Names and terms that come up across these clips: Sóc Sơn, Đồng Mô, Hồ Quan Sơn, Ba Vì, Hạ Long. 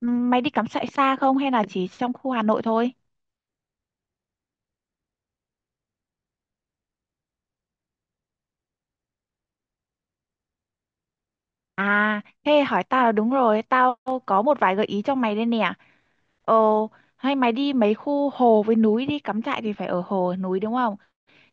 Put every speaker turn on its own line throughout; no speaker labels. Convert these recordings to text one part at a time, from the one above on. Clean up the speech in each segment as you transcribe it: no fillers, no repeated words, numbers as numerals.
Mày đi cắm trại xa không hay là chỉ trong khu Hà Nội thôi? À, thế hỏi tao là đúng rồi, tao có một vài gợi ý cho mày đây nè. Ồ, hay mày đi mấy khu hồ với núi đi, cắm trại thì phải ở hồ núi đúng không?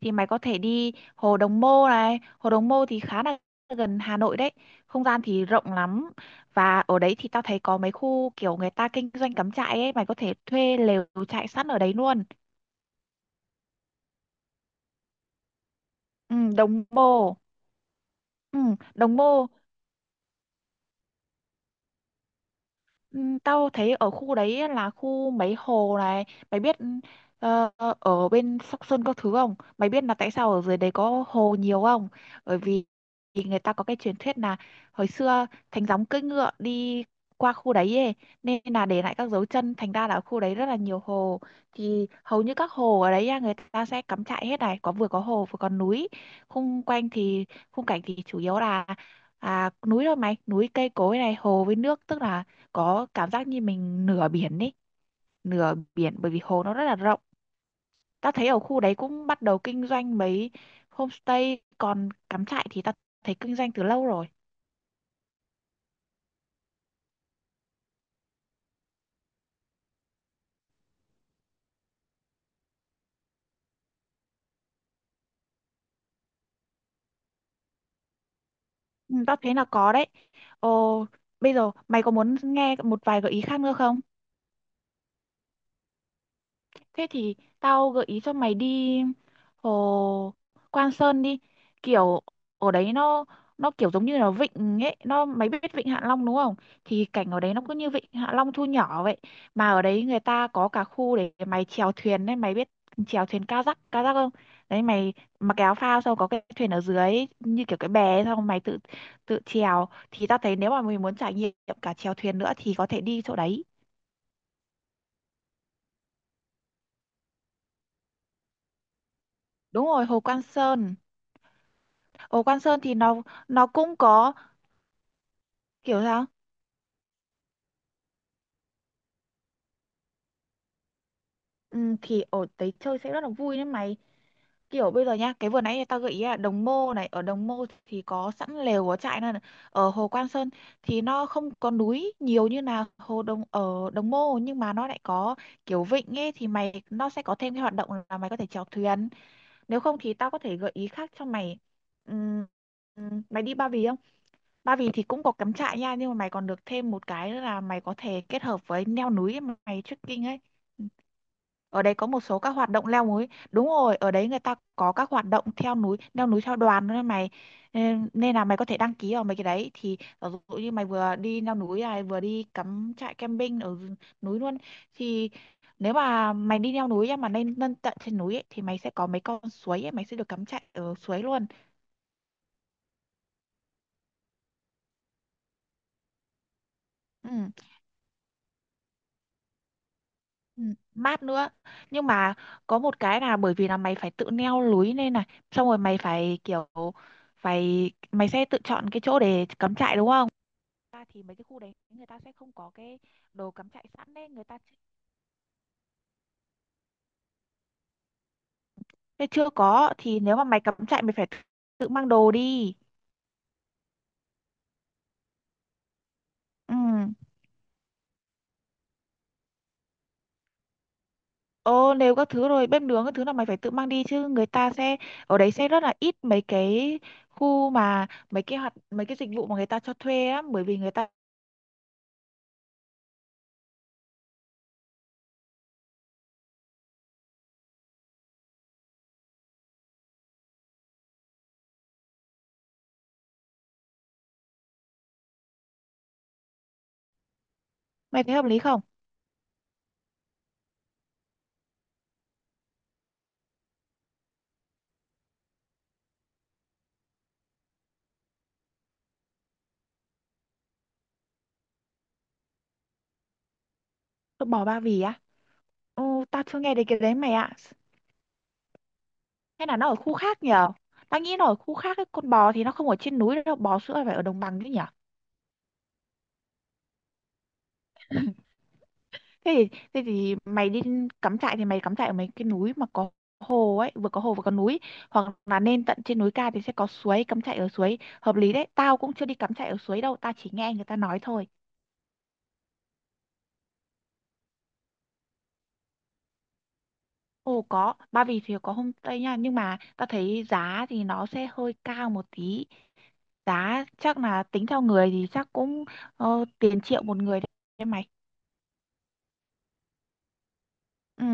Thì mày có thể đi hồ Đồng Mô này, hồ Đồng Mô thì khá là gần Hà Nội đấy. Không gian thì rộng lắm và ở đấy thì tao thấy có mấy khu kiểu người ta kinh doanh cắm trại ấy, mày có thể thuê lều trại sẵn ở đấy luôn. Ừ, Đồng Mô. Ừ, Đồng Mô. Ừ, tao thấy ở khu đấy là khu mấy hồ này, mày biết ờ, ở bên Sóc Sơn các thứ không? Mày biết là tại sao ở dưới đấy có hồ nhiều không? Bởi vì thì người ta có cái truyền thuyết là hồi xưa Thánh Gióng cưỡi ngựa đi qua khu đấy ấy, nên là để lại các dấu chân, thành ra là ở khu đấy rất là nhiều hồ. Thì hầu như các hồ ở đấy á, người ta sẽ cắm trại hết này, có vừa có hồ vừa có núi. Khung quanh thì khung cảnh thì chủ yếu là à, núi thôi mày, núi cây cối này, hồ với nước, tức là có cảm giác như mình nửa biển ấy, nửa biển bởi vì hồ nó rất là rộng. Ta thấy ở khu đấy cũng bắt đầu kinh doanh mấy homestay, còn cắm trại thì ta thấy kinh doanh từ lâu rồi. Ừ, tao thấy là có đấy. Ồ, bây giờ mày có muốn nghe một vài gợi ý khác nữa không? Thế thì tao gợi ý cho mày đi hồ Quan Sơn đi. Kiểu ở đấy nó kiểu giống như là vịnh ấy, nó mày biết vịnh Hạ Long đúng không? Thì cảnh ở đấy nó cứ như vịnh Hạ Long thu nhỏ vậy. Mà ở đấy người ta có cả khu để mày chèo thuyền đấy, mày biết chèo thuyền kayak, kayak không? Đấy, mày mặc cái áo phao xong có cái thuyền ở dưới như kiểu cái bè ấy, xong mày tự tự chèo, thì tao thấy nếu mà mình muốn trải nghiệm cả chèo thuyền nữa thì có thể đi chỗ đấy. Đúng rồi, hồ Quan Sơn. Ồ, Quan Sơn thì nó cũng có kiểu sao? Ừ, thì ở đấy chơi sẽ rất là vui đấy mày. Kiểu bây giờ nhá, cái vừa nãy tao gợi ý là Đồng Mô này, ở Đồng Mô thì có sẵn lều có trại, nên ở hồ Quan Sơn thì nó không có núi nhiều như là hồ Đồng ở Đồng Mô, nhưng mà nó lại có kiểu vịnh ấy, thì mày nó sẽ có thêm cái hoạt động là mày có thể chèo thuyền. Nếu không thì tao có thể gợi ý khác cho mày. Ừm, mày đi Ba Vì không? Ba Vì thì cũng có cắm trại nha, nhưng mà mày còn được thêm một cái nữa là mày có thể kết hợp với leo núi, mà mày trekking ấy. Ở đấy có một số các hoạt động leo núi. Đúng rồi, ở đấy người ta có các hoạt động theo núi, leo núi theo đoàn nữa mày. Nên nên là mày có thể đăng ký vào mấy cái đấy, thì ví dụ như mày vừa đi leo núi này, vừa đi cắm trại camping ở núi luôn, thì nếu mà mày đi leo núi á, mà lên lên tận trên núi ấy, thì mày sẽ có mấy con suối ấy, mày sẽ được cắm trại ở suối luôn. Ừ. Ừ, mát nữa, nhưng mà có một cái là bởi vì là mày phải tự neo lưới lên này, xong rồi mày phải kiểu mày sẽ tự chọn cái chỗ để cắm trại đúng không, ta thì mấy cái khu đấy người ta sẽ không có cái đồ cắm trại sẵn đấy, người ta sẽ chưa có, thì nếu mà mày cắm trại mày phải tự tự mang đồ đi. Ừ ô Nếu các thứ rồi, bếp nướng các thứ là mày phải tự mang đi chứ, người ta sẽ ở đấy sẽ rất là ít mấy cái khu, mà mấy cái dịch vụ mà người ta cho thuê á, bởi vì người ta, mày thấy hợp lý không? Phở bò Ba Vì á? Ồ, tao chưa nghe đến cái đấy mày ạ. Hay là nó ở khu khác nhở? Tao nghĩ nó ở khu khác ấy, con bò thì nó không ở trên núi đâu, bò sữa phải ở đồng bằng chứ nhở? Thế thì mày đi cắm trại thì mày cắm trại ở mấy cái núi mà có hồ ấy, vừa có hồ vừa có núi. Hoặc là lên tận trên núi cao thì sẽ có suối, cắm trại ở suối. Hợp lý đấy, tao cũng chưa đi cắm trại ở suối đâu, tao chỉ nghe người ta nói thôi. Ồ có, Ba Vì thì có homestay nha, nhưng mà tao thấy giá thì nó sẽ hơi cao một tí. Giá chắc là tính theo người, thì chắc cũng tiền triệu một người đấy mày. Ừ,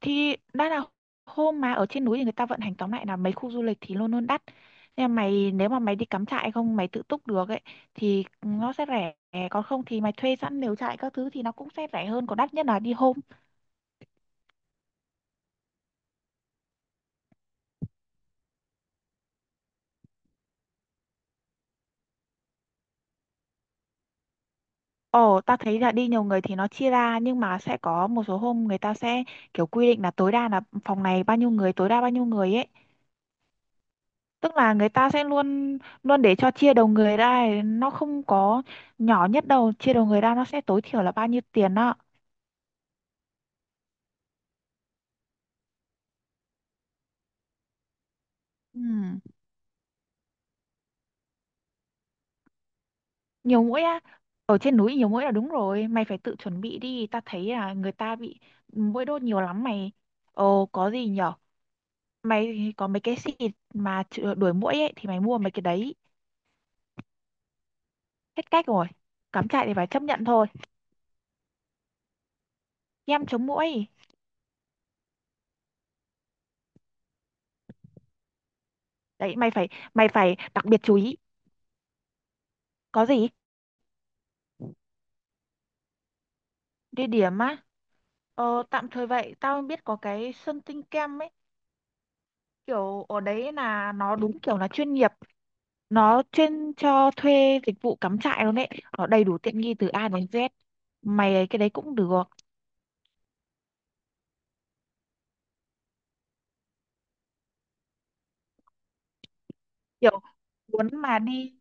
thì đã là hôm mà ở trên núi thì người ta vận hành, tóm lại là mấy khu du lịch thì luôn luôn đắt, nhưng mà mày, nếu mà mày đi cắm trại không, mày tự túc được ấy thì nó sẽ rẻ, còn không thì mày thuê sẵn lều trại các thứ thì nó cũng sẽ rẻ hơn, còn đắt nhất là đi hôm. Ồ, ta thấy là đi nhiều người thì nó chia ra, nhưng mà sẽ có một số hôm người ta sẽ kiểu quy định là tối đa là phòng này bao nhiêu người, tối đa bao nhiêu người ấy, tức là người ta sẽ luôn luôn để cho chia đầu người ra ấy, nó không có nhỏ nhất đâu, chia đầu người ra nó sẽ tối thiểu là bao nhiêu tiền đó. Ừ. Nhiều mũi á, ở trên núi nhiều mũi là đúng rồi, mày phải tự chuẩn bị đi, ta thấy là người ta bị mũi đốt nhiều lắm mày. Ồ, có gì nhở, mày có mấy cái xịt mà đuổi muỗi ấy, thì mày mua mấy cái đấy, hết cách rồi, cắm trại thì phải chấp nhận thôi. Em chống muỗi, đấy mày phải đặc biệt chú ý, có gì. Địa điểm á, ờ, tạm thời vậy tao biết có cái sân tinh kem ấy, kiểu ở đấy là nó đúng kiểu là chuyên nghiệp, nó chuyên cho thuê dịch vụ cắm trại luôn ấy, nó đầy đủ tiện nghi từ A đến Z mày ấy, cái đấy cũng được. Kiểu muốn mà đi,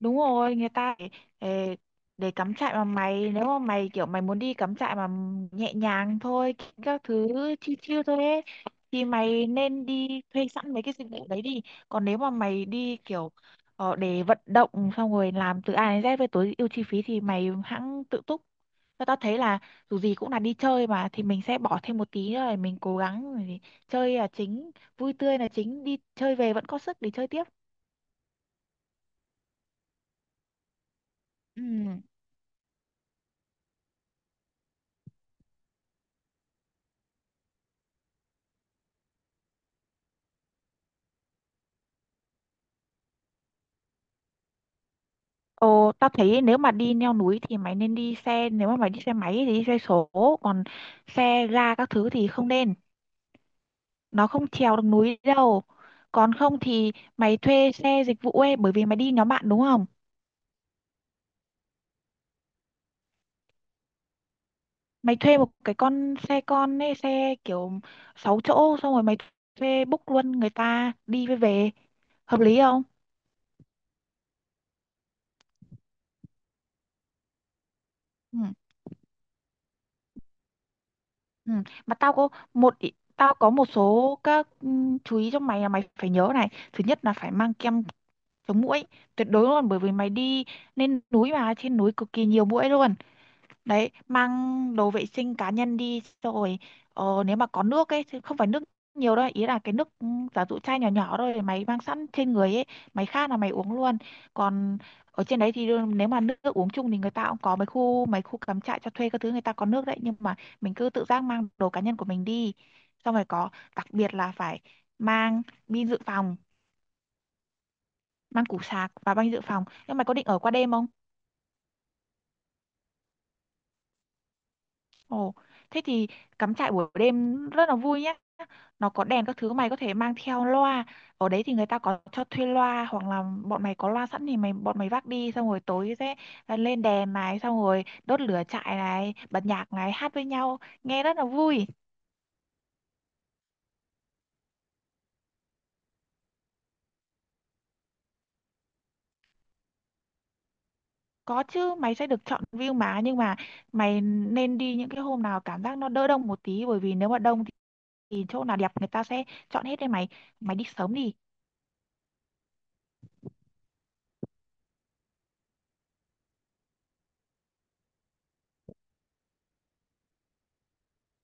đúng rồi, người ta để, để cắm trại mà mày, nếu mà mày kiểu mày muốn đi cắm trại mà nhẹ nhàng thôi, các thứ chill chill thôi ấy, thì mày nên đi thuê sẵn mấy cái dịch vụ đấy đi. Còn nếu mà mày đi kiểu để vận động, xong rồi làm từ A đến Z với tối ưu chi phí, thì mày hãng tự túc. Và tao thấy là dù gì cũng là đi chơi mà, thì mình sẽ bỏ thêm một tí nữa để mình cố gắng để chơi là chính, vui tươi là chính, đi chơi về vẫn có sức để chơi tiếp. Ừ. Ồ, tao thấy nếu mà đi leo núi thì mày nên đi xe, nếu mà mày đi xe máy thì đi xe số, còn xe ga các thứ thì không nên, nó không trèo được núi đâu. Còn không thì mày thuê xe dịch vụ ấy, bởi vì mày đi nhóm bạn đúng không? Mày thuê một cái con xe con ấy, xe kiểu 6 chỗ, xong rồi mày thuê book luôn người ta đi với về, hợp lý không? Ừ, ừ. Mà tao có một ý- tao có một số các chú ý cho mày là mày phải nhớ này. Thứ nhất là phải mang kem chống muỗi tuyệt đối luôn, bởi vì mày đi lên núi mà trên núi cực kỳ nhiều muỗi luôn đấy. Mang đồ vệ sinh cá nhân đi, xong rồi nếu mà có nước ấy, chứ không phải nước nhiều đâu, ý là cái nước giả dụ chai nhỏ nhỏ thôi mày mang sẵn trên người ấy, mày khát là mày uống luôn. Còn ở trên đấy thì nếu mà nước, nước uống chung thì người ta cũng có mấy khu cắm trại cho thuê các thứ, người ta có nước đấy, nhưng mà mình cứ tự giác mang đồ cá nhân của mình đi, xong rồi có, đặc biệt là phải mang pin dự phòng, mang củ sạc và banh dự phòng. Nhưng mày có định ở qua đêm không? Ồ, thế thì cắm trại buổi đêm rất là vui nhá. Nó có đèn các thứ, mày có thể mang theo loa, ở đấy thì người ta có cho thuê loa hoặc là bọn mày có loa sẵn, thì bọn mày vác đi, xong rồi tối sẽ lên đèn này, xong rồi đốt lửa trại này, bật nhạc này, hát với nhau nghe rất là vui. Có chứ, mày sẽ được chọn view mà, nhưng mà mày nên đi những cái hôm nào cảm giác nó đỡ đông một tí, bởi vì nếu mà đông thì chỗ nào đẹp người ta sẽ chọn hết đấy mày, mày đi sớm đi.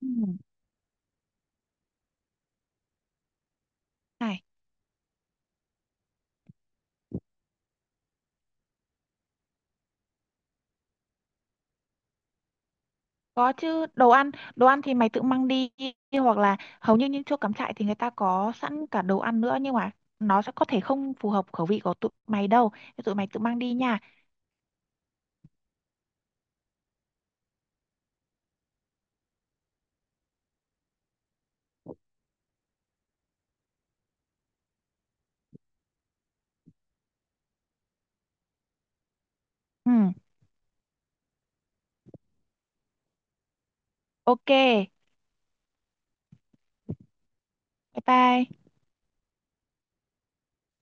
Ừ. Này, có chứ, đồ ăn, đồ ăn thì mày tự mang đi, hoặc là hầu như những chỗ cắm trại thì người ta có sẵn cả đồ ăn nữa, nhưng mà nó sẽ có thể không phù hợp khẩu vị của tụi mày đâu, thế tụi mày tự mang đi nha. Ừ, ok, bye bye.